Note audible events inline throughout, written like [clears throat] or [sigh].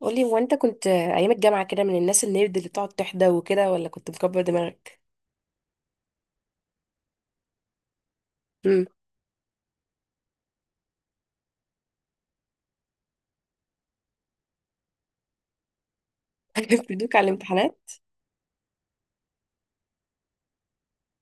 قولي، هو انت كنت ايام الجامعه كده من الناس النيرد اللي بتقعد تحدى وكده، ولا كنت مكبر دماغك؟ امم. [laughs] بيدوك على الامتحانات.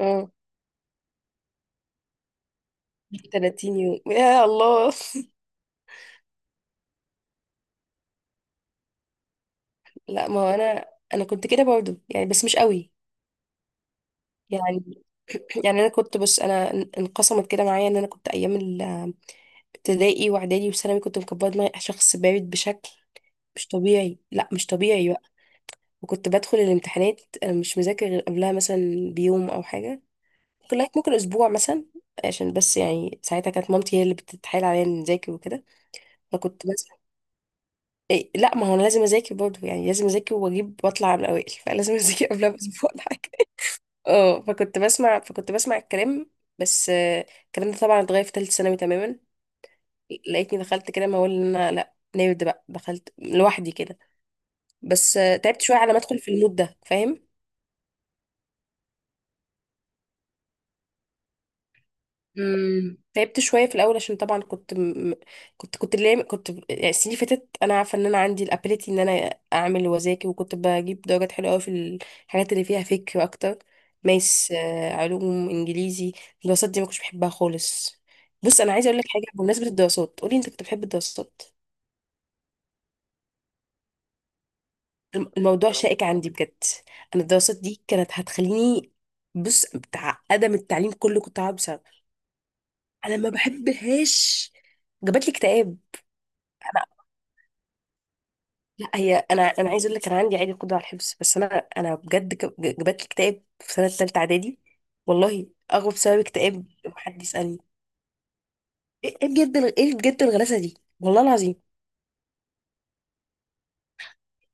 اه. 30 يوم يا الله. [laughs] لا ما هو انا، انا كنت كده برضو يعني بس مش قوي. يعني [clears throat] يعني انا كنت بص، انا انقسمت كده معايا، ان انا كنت ايام الابتدائي واعدادي وثانوي كنت مكبره دماغي، شخص بارد بشكل مش طبيعي، لا مش طبيعي بقى. وكنت بدخل الامتحانات انا مش مذاكر غير قبلها مثلا بيوم او حاجه، ممكن لغاية ممكن أسبوع مثلا، عشان بس يعني ساعتها كانت مامتي هي اللي بتتحايل عليا إني أذاكر وكده. فكنت بس، إيه لا ما هو أنا لازم أذاكر برضه، يعني لازم أذاكر وأجيب وأطلع من الأوائل [laughs] فلازم أذاكر قبلها بأسبوع ولا حاجة. اه فكنت بسمع الكلام. بس الكلام ده طبعا اتغير في تالتة ثانوي تماما. لقيتني دخلت كده، ما هو إن أنا لا نرد بقى، دخلت لوحدي كده. بس تعبت شوية على ما أدخل في المود ده، فاهم؟ امم، تعبت شويه في الاول عشان طبعا كنت كنت اللي كنت ب- يعني السنين اللي فاتت انا عارفه ان انا عندي الابيليتي ان انا اعمل واذاكر، وكنت بجيب درجات حلوه قوي في الحاجات اللي فيها فكر اكتر. ماس، علوم، انجليزي. الدراسات دي ما كنتش بحبها خالص. بص، انا عايزه اقول لك حاجه بمناسبه الدراسات. قولي، انت كنت بتحب الدراسات؟ الموضوع شائك عندي بجد. انا الدراسات دي كانت هتخليني، بص، بتاع ادم التعليم كله كنت هقعد بسببها. انا ما بحبهاش، جابت لي اكتئاب. لا هي انا، انا عايز اقول لك، انا عندي عادي قدره على الحفظ، بس انا، انا بجد جابت لي اكتئاب في سنه ثالثه اعدادي. والله، اغرب سبب اكتئاب حد يسالني. ايه، إيه بجد ايه بجد الغلاسه دي والله العظيم.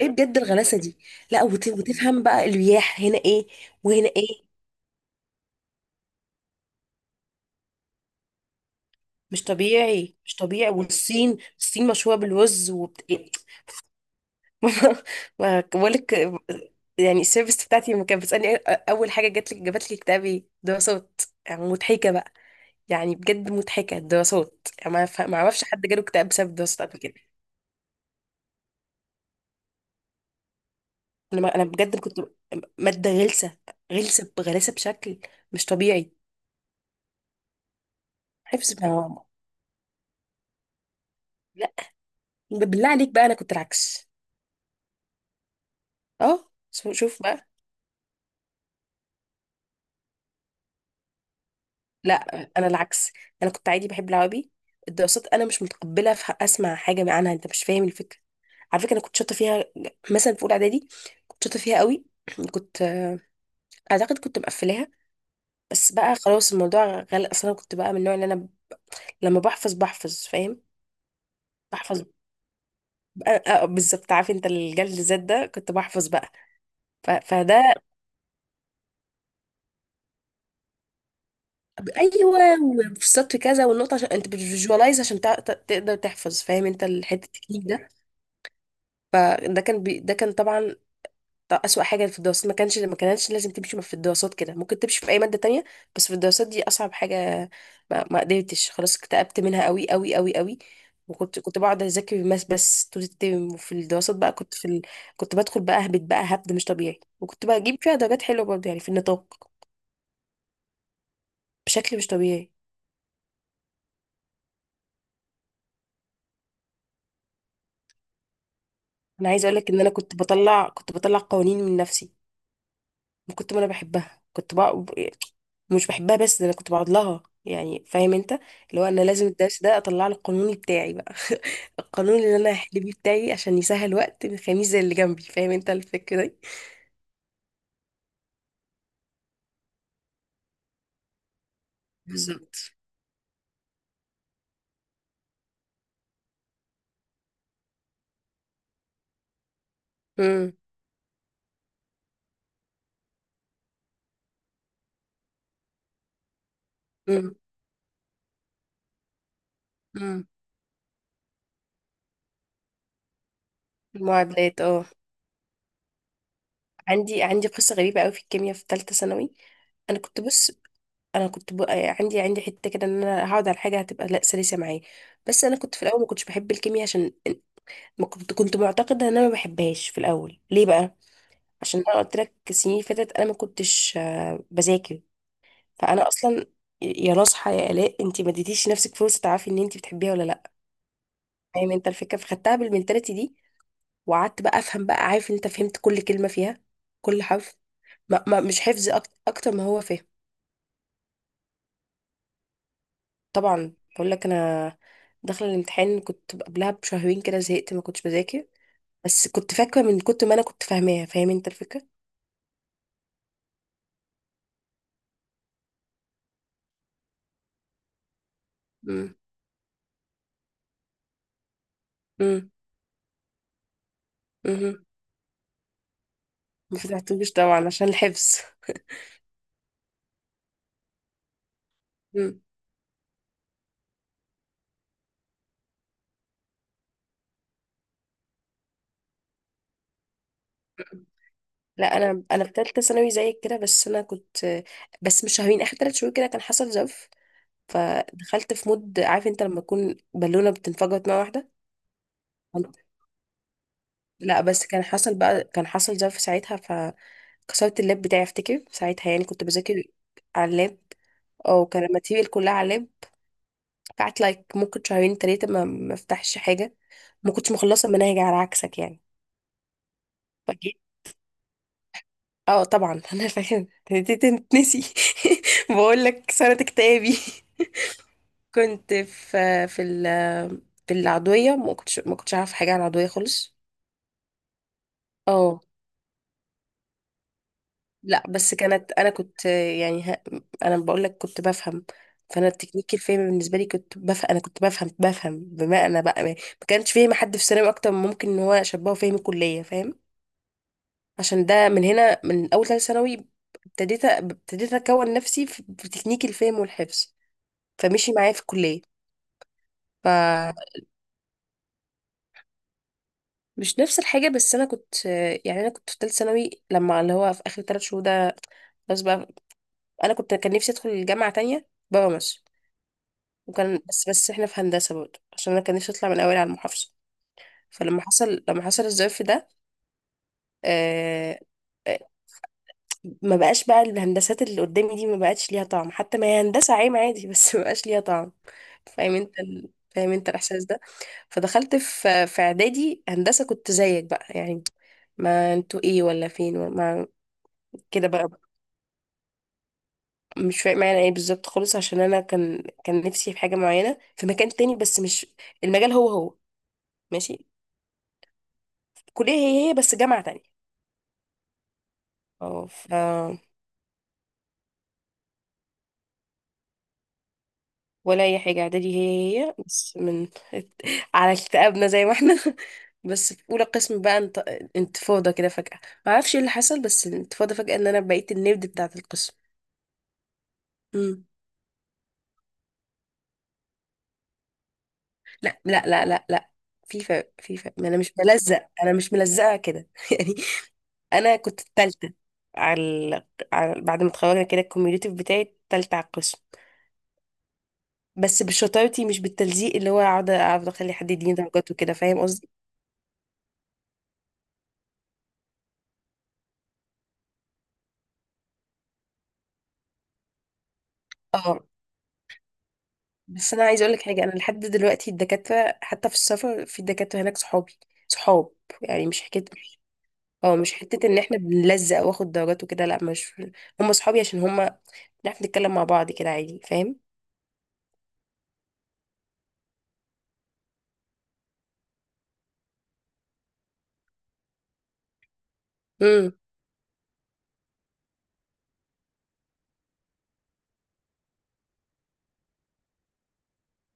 ايه بجد الغلاسه دي. لا وتفهم بقى الرياح هنا ايه وهنا ايه، مش طبيعي مش طبيعي. والصين، الصين مشهوره بالرز إيه. [laughs] ما بقول لك. يعني السيرفيس بتاعتي لما كانت بتسالني إيه اول حاجه جات لك؟ جابت لي اكتئاب ايه، دراسات؟ يعني مضحكه بقى، يعني بجد مضحكة الدراسات. يعني ما اعرفش حد جاله اكتئاب بسبب الدراسات قبل كده. انا ما- انا بجد كنت مادة غلسة، غلسة بغلاسة بشكل مش طبيعي. حفظ بتاع ماما. لا، بالله عليك بقى انا كنت العكس. اه شوف بقى. لا انا العكس، انا كنت عادي بحب العربي. الدراسات انا مش متقبلة اسمع حاجة عنها، انت مش فاهم الفكرة. على فكرة انا كنت شاطرة فيها، مثلا في اولى اعدادي كنت شاطرة فيها قوي. [clears throat] كنت اعتقد كنت مقفلاها، بس بقى خلاص الموضوع غلق اصلا. أنا كنت بقى من النوع اللي انا لما بحفظ بحفظ، فاهم؟ بحفظ بالظبط. عارف انت الجلد الذات ده؟ كنت بحفظ بقى. فده، ايوه، وفي السطر كذا والنقطه، عشان انت بتفيجواليز عشان تقدر تحفظ، فاهم انت الحته التكنيك ده؟ ده كان طبعا ده أسوأ حاجة في الدراسات. ما كانش ما كانتش لازم تمشي في الدراسات كده، ممكن تمشي في أي مادة تانية، بس في الدراسات دي أصعب حاجة. ما قدرتش، خلاص اكتئبت منها قوي قوي قوي قوي. وكنت بقعد أذاكر الماس بس طول الترم، وفي الدراسات بقى كنت بدخل بقى أهبط بقى هبد مش طبيعي، وكنت بجيب فيها درجات حلوة برضه يعني في النطاق بشكل مش طبيعي. أنا عايزة أقولك إن أنا كنت بطلع، كنت بطلع قوانين من نفسي. كنت ما انا بحبها كنت بقى مش بحبها، بس ده انا كنت بقعد لها، يعني فاهم انت اللي هو انا لازم الدرس ده اطلع له القانون بتاعي بقى، القانون اللي انا هحل بيه بتاعي، عشان يسهل وقت الخميس زي اللي جنبي. فاهم انت الفكره دي؟ بالظبط. امم. امم. امم. المعادلات اه. عندي عندي قصه غريبه قوي في الكيمياء في ثالثه ثانوي. انا كنت بص، يعني عندي عندي حته كده ان انا هقعد على حاجه هتبقى لا سلسه معايا. بس انا كنت في الاول ما كنتش بحب الكيمياء عشان ما كنت كنت معتقدة ان انا ما بحبهاش في الاول. ليه بقى؟ عشان انا قلت لك السنين اللي فاتت انا ما كنتش بذاكر. فانا اصلا، يا نصحى يا الاء، انت ما اديتيش نفسك فرصه تعرفي ان انت بتحبيها ولا لا. فاهم انت الفكره؟ فخدتها بالمنتاليتي دي، وقعدت بقى افهم بقى. عارف انت؟ فهمت كل كلمه فيها، كل حرف، ما مش حفظ اكتر ما هو فهم. طبعا، بقول لك انا داخله الامتحان كنت قبلها بشهرين كده زهقت، ما كنتش بذاكر، بس كنت فاكره من كتر ما انا كنت فاهماها. فاهم انت الفكره؟ امم. امم. ما فتحتوش طبعا عشان الحفظ. مم. لا انا، انا في ثالثه ثانوي زيك كده، بس انا كنت، بس مش شهرين، اخر ثلاث شهور كده، كان حصل جف. فدخلت في مود، عارف انت لما تكون بالونه بتنفجر مره واحده. لا بس كان حصل بقى، كان حصل جف ساعتها. فكسرت اللاب بتاعي افتكر ساعتها، يعني كنت بذاكر على اللاب، او كان الماتيريال كلها على اللاب. قعدت لايك ممكن شهرين ثلاثه ما افتحش حاجه. ما كنتش مخلصه المناهج على عكسك يعني. اه طبعا [laughs] انا فاهم دي تنسي. [laughs] بقول لك سنة اكتئابي. [laughs] كنت في في العضوية، ما كنتش عارفة حاجة عن العضوية خالص. اه. لا بس كانت انا كنت يعني انا بقول لك كنت بفهم. فانا التكنيك الفهم بالنسبة لي كنت بفهم، انا كنت بفهم بمعنى بقى ما ما كانش فهم حد في ثانوي اكتر من ممكن ان هو شبهه فهم الكلية. فاهم؟ عشان ده من هنا من اول ثالث ثانوي ابتديت اكون نفسي في، في تكنيك الفهم والحفظ، فمشي معايا في الكليه. فمش نفس الحاجه، بس انا كنت يعني، انا كنت في ثالث ثانوي لما اللي هو في اخر ثلاث شهور ده، بس بقى انا كنت، كان نفسي ادخل الجامعه تانية بره مصر، وكان بس احنا في هندسه برضه، عشان انا كان نفسي اطلع من اوائل على المحافظه. فلما حصل، لما حصل الظرف ده، آه، ما بقاش بقى الهندسات اللي قدامي دي ما بقتش ليها طعم، حتى ما هي هندسة عام عادي بس [laughs] ما بقاش ليها طعم. فاهم انت ال... فاهم انت الاحساس ده؟ فدخلت في في اعدادي هندسة كنت زيك بقى، يعني ما انتوا ايه ولا فين ولا ما، كده بقى. مش فاهم معنى ايه بالظبط خالص، عشان انا كان نفسي في حاجة معينة في مكان تاني، بس مش المجال، هو هو، ماشي، كلية هي هي بس جامعة تانية. اه، ولا اي حاجه، اعدادي هي هي بس من [laughs] على اكتئابنا زي ما احنا. [laughs] بس في اولى قسم بقى انتفاضه كده فجاه، ما اعرفش ايه اللي حصل، بس الانتفاضه فجاه ان انا بقيت النبض بتاعه القسم. امم. لا، لا، لا، لا، لا، في فرق في فرق، ما انا مش ملزق، انا مش ملزقه كده [laughs] يعني. انا كنت التالتة على, ال- بعد ما اتخرجنا كده الكوميونيتيف بتاعي التالتة على القسم، بس بشطارتي مش بالتلزيق اللي هو اقعد اقعد اخلي حد يديني درجات وكده، فاهم قصدي؟ اه، بس انا عايزه اقول لك حاجه، انا لحد دلوقتي الدكاتره حتى في السفر في دكاتره هناك صحابي، صحاب، يعني مش حكايه. اه مش حته ان احنا بنلزق واخد درجات وكده، لا مش، هم صحابي عشان هم بنعرف نتكلم مع بعض كده عادي، فاهم؟ امم.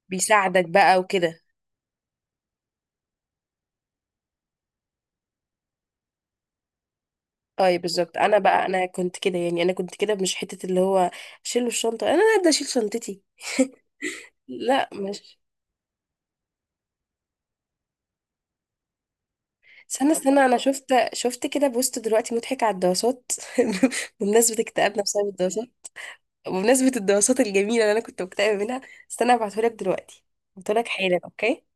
بيساعدك بقى وكده. طيب بالظبط، انا بقى انا كنت كده، يعني انا كنت كده مش حته اللي هو شيلوا الشنطه انا هبدا اشيل شنطتي. [laughs] لا مش، استنى استنى، انا شفت، شفت كده بوست دلوقتي مضحك على الدراسات. [laughs] بمناسبة اكتئابنا بسبب الدراسات، بمناسبة الدراسات الجميلة اللي أنا كنت مكتئبة منها. استنى هبعتهولك دلوقتي، هبعتهولك حالا أوكي.